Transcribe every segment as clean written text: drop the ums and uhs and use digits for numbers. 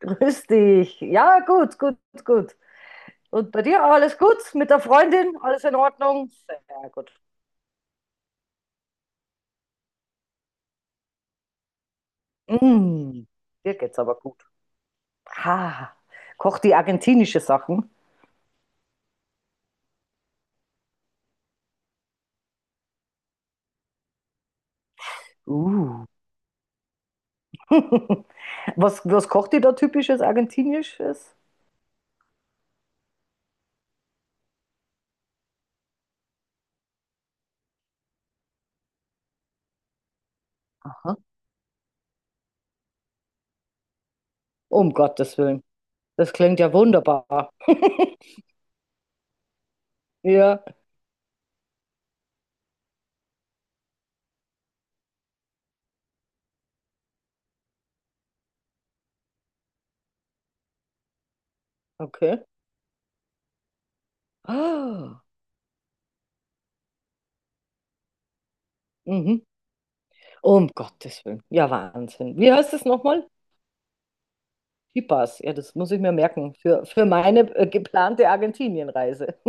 Grüß dich. Ja, gut, gut, gut. Und bei dir alles gut? Mit der Freundin? Alles in Ordnung? Sehr gut. Mm, dir geht's aber gut. Ha, kocht die argentinische Sachen? Uh. Was kocht die da typisches argentinisches? Aha. Um Gottes Willen. Das klingt ja wunderbar. Ja, okay. Ah, mhm. Um Gottes Willen. Ja, Wahnsinn. Wie heißt es nochmal? Chipas, ja, das muss ich mir merken für meine geplante Argentinienreise.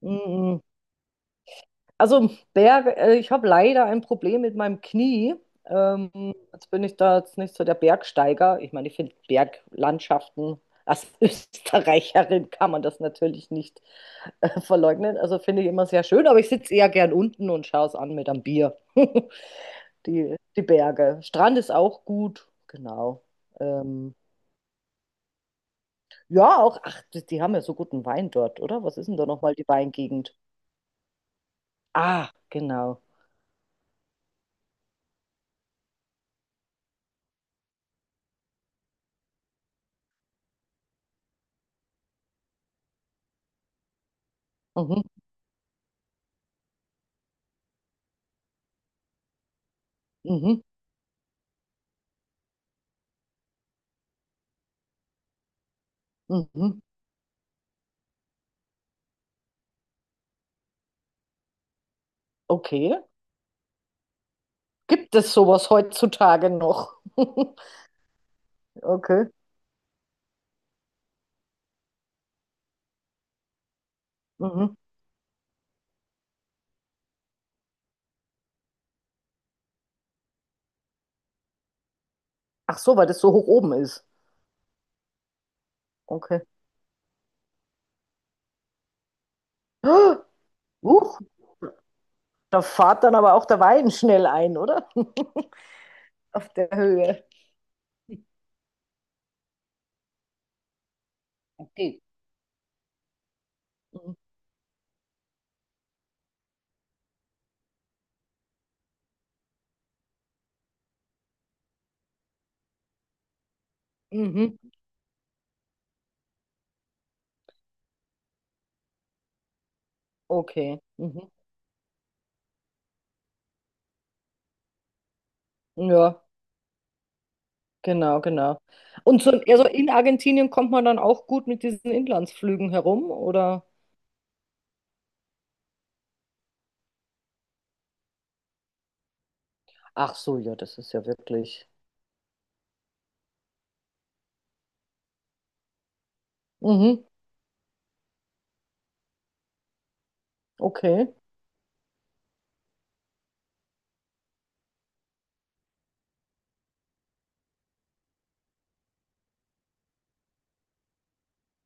Mhm. Also, Berg, ich habe leider ein Problem mit meinem Knie. Ähm, jetzt bin ich da jetzt nicht so der Bergsteiger. Ich meine, ich finde Berglandschaften, als Österreicherin kann man das natürlich nicht verleugnen. Also finde ich immer sehr schön, aber ich sitze eher gern unten und schaue es an mit einem Bier. Die Berge. Strand ist auch gut, genau. Ähm, Ja, auch, ach, die haben ja so guten Wein dort, oder? Was ist denn da nochmal die Weingegend? Ah, genau. Mhm, mhm, mhm. Okay. Gibt es sowas heutzutage noch? Okay. Mhm. Ach so, weil das so hoch oben ist. Okay. Huch, da fährt dann aber auch der Wein schnell ein, oder? Auf der Höhe. Okay. Mhm. Mhm. Okay. Mhm. Ja, genau, genau. Und so, also in Argentinien kommt man dann auch gut mit diesen Inlandsflügen herum, oder? Ach so, ja, das ist ja wirklich. Mhm. Okay.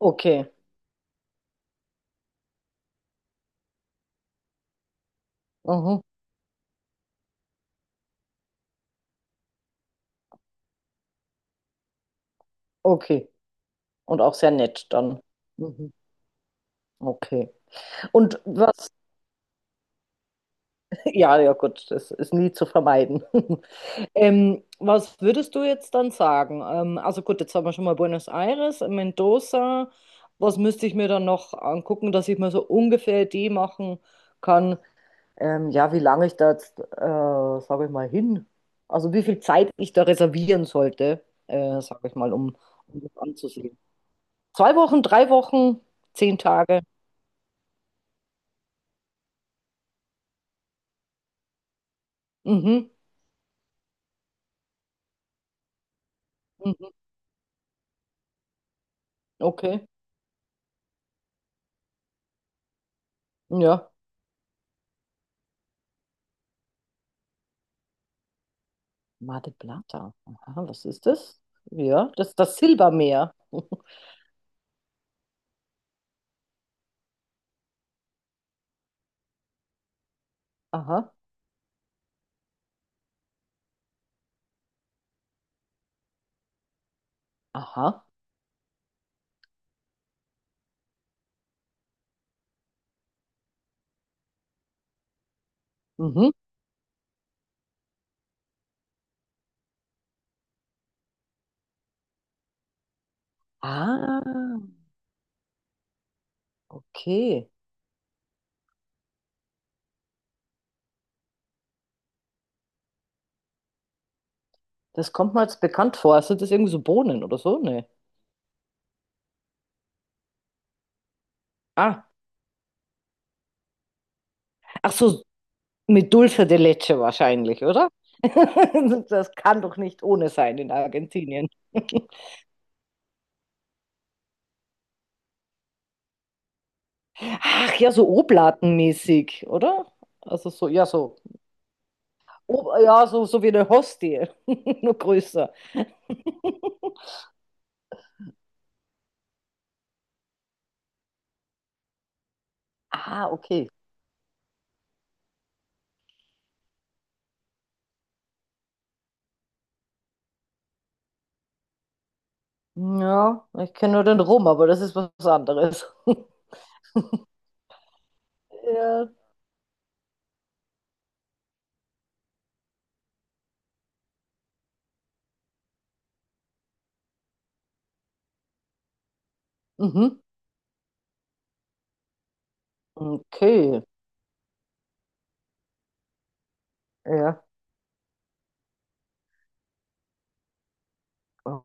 Okay. Mhm. Okay. Und auch sehr nett dann. Mhm. Okay. Und was, ja, ja gut, das ist nie zu vermeiden. Was würdest du jetzt dann sagen? Also gut, jetzt haben wir schon mal Buenos Aires, Mendoza. Was müsste ich mir dann noch angucken, dass ich mir so ungefähr die machen kann. Ja, wie lange ich da jetzt, sage ich mal, hin, also wie viel Zeit ich da reservieren sollte, sage ich mal, um, um das anzusehen. 2 Wochen, 3 Wochen, 10 Tage. Mhm, mhm, okay. Ja. Mar del Plata. Aha, was ist das? Ja, das ist das Silbermeer. Aha, aha. Mhm. Ah, okay. Das kommt mir jetzt bekannt vor. Sind das irgendwie so Bohnen oder so? Nee. Ah, ach so, mit Dulce de Leche wahrscheinlich, oder? Das kann doch nicht ohne sein in Argentinien. Ach ja, so Oblatenmäßig, oder? Also so, ja, so. Ja, so, wie eine Hostie, nur größer. Ah, okay. Ja, ich kenne nur den Rum, aber das ist was anderes. Ja. Mhm. Okay. Ja.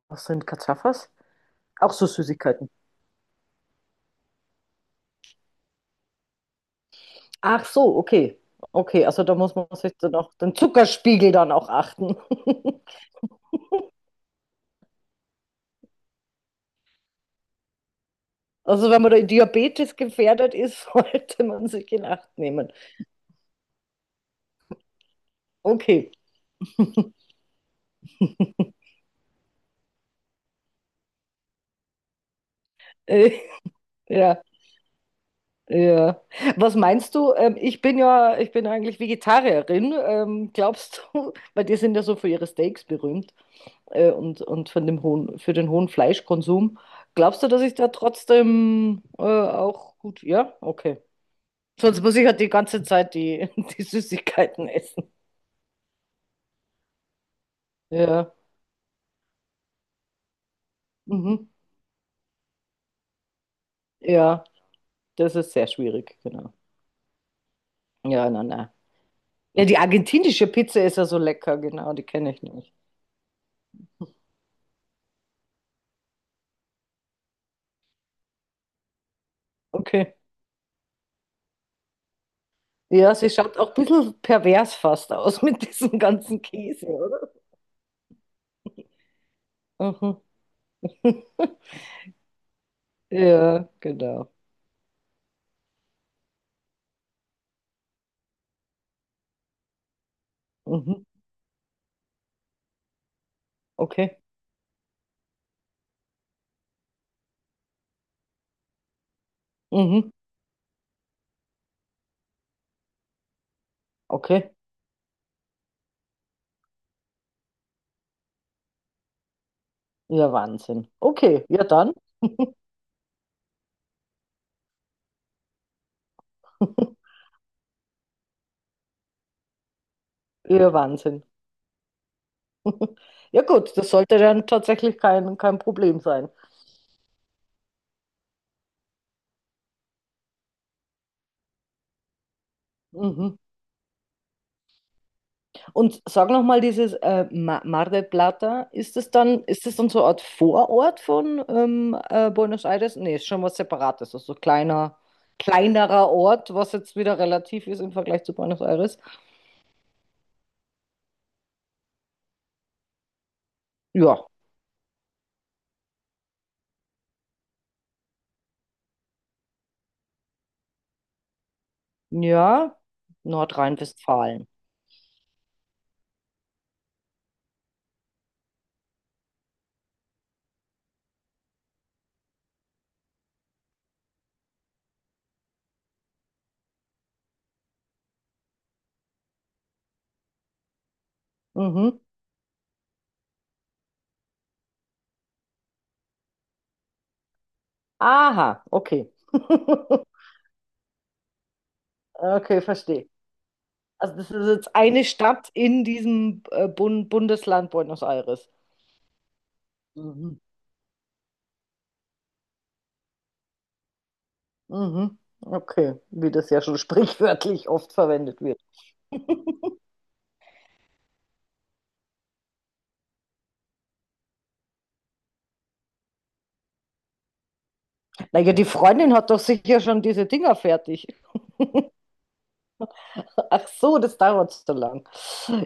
Was sind Cachafas? Auch so Süßigkeiten. Ach so, okay. Okay, also da muss man sich dann auch den Zuckerspiegel dann auch achten. Also wenn man da Diabetes gefährdet ist, sollte man sich in Acht nehmen. Okay. Äh, ja, ja. Was meinst du? Ich bin eigentlich Vegetarierin. Glaubst du, weil die sind ja so für ihre Steaks berühmt und für den hohen Fleischkonsum. Glaubst du, dass ich da trotzdem auch gut, ja? Okay. Sonst muss ich halt die ganze Zeit die, die Süßigkeiten essen. Ja. Mhm. Ja, das ist sehr schwierig, genau. Ja, nein, nein. Ja, die argentinische Pizza ist ja so lecker, genau, die kenne ich nicht. Okay. Ja, sie schaut auch ein bisschen pervers fast aus mit diesem ganzen Käse, oder? Mhm. Ja, genau. Mhm. Okay. Mhm. Okay. Ja, Wahnsinn. Okay, ja dann. Ja, Wahnsinn. Ja gut, das sollte dann tatsächlich kein Problem sein. Mhm. Und sag noch mal, dieses Mar del Plata, ist das dann so eine Art Vorort von Buenos Aires? Nee, ist schon was Separates, also so kleinerer Ort, was jetzt wieder relativ ist im Vergleich zu Buenos Aires. Ja, ja, Nordrhein-Westfalen. Mhm. Aha, okay. Okay, verstehe. Also das ist jetzt eine Stadt in diesem Bundesland Buenos Aires. Mhm. Mhm. Okay, wie das ja schon sprichwörtlich oft verwendet wird. Naja, die Freundin hat doch sicher schon diese Dinger fertig. Ach so, das dauert so lang.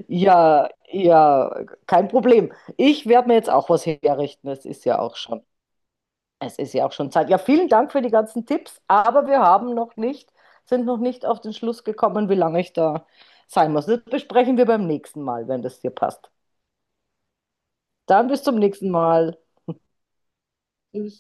Ja, ja, kein Problem. Ich werde mir jetzt auch was herrichten. Es ist ja auch schon Zeit. Ja, vielen Dank für die ganzen Tipps, aber wir haben noch nicht, sind noch nicht auf den Schluss gekommen, wie lange ich da sein muss. Das besprechen wir beim nächsten Mal, wenn das dir passt. Dann bis zum nächsten Mal. Tschüss.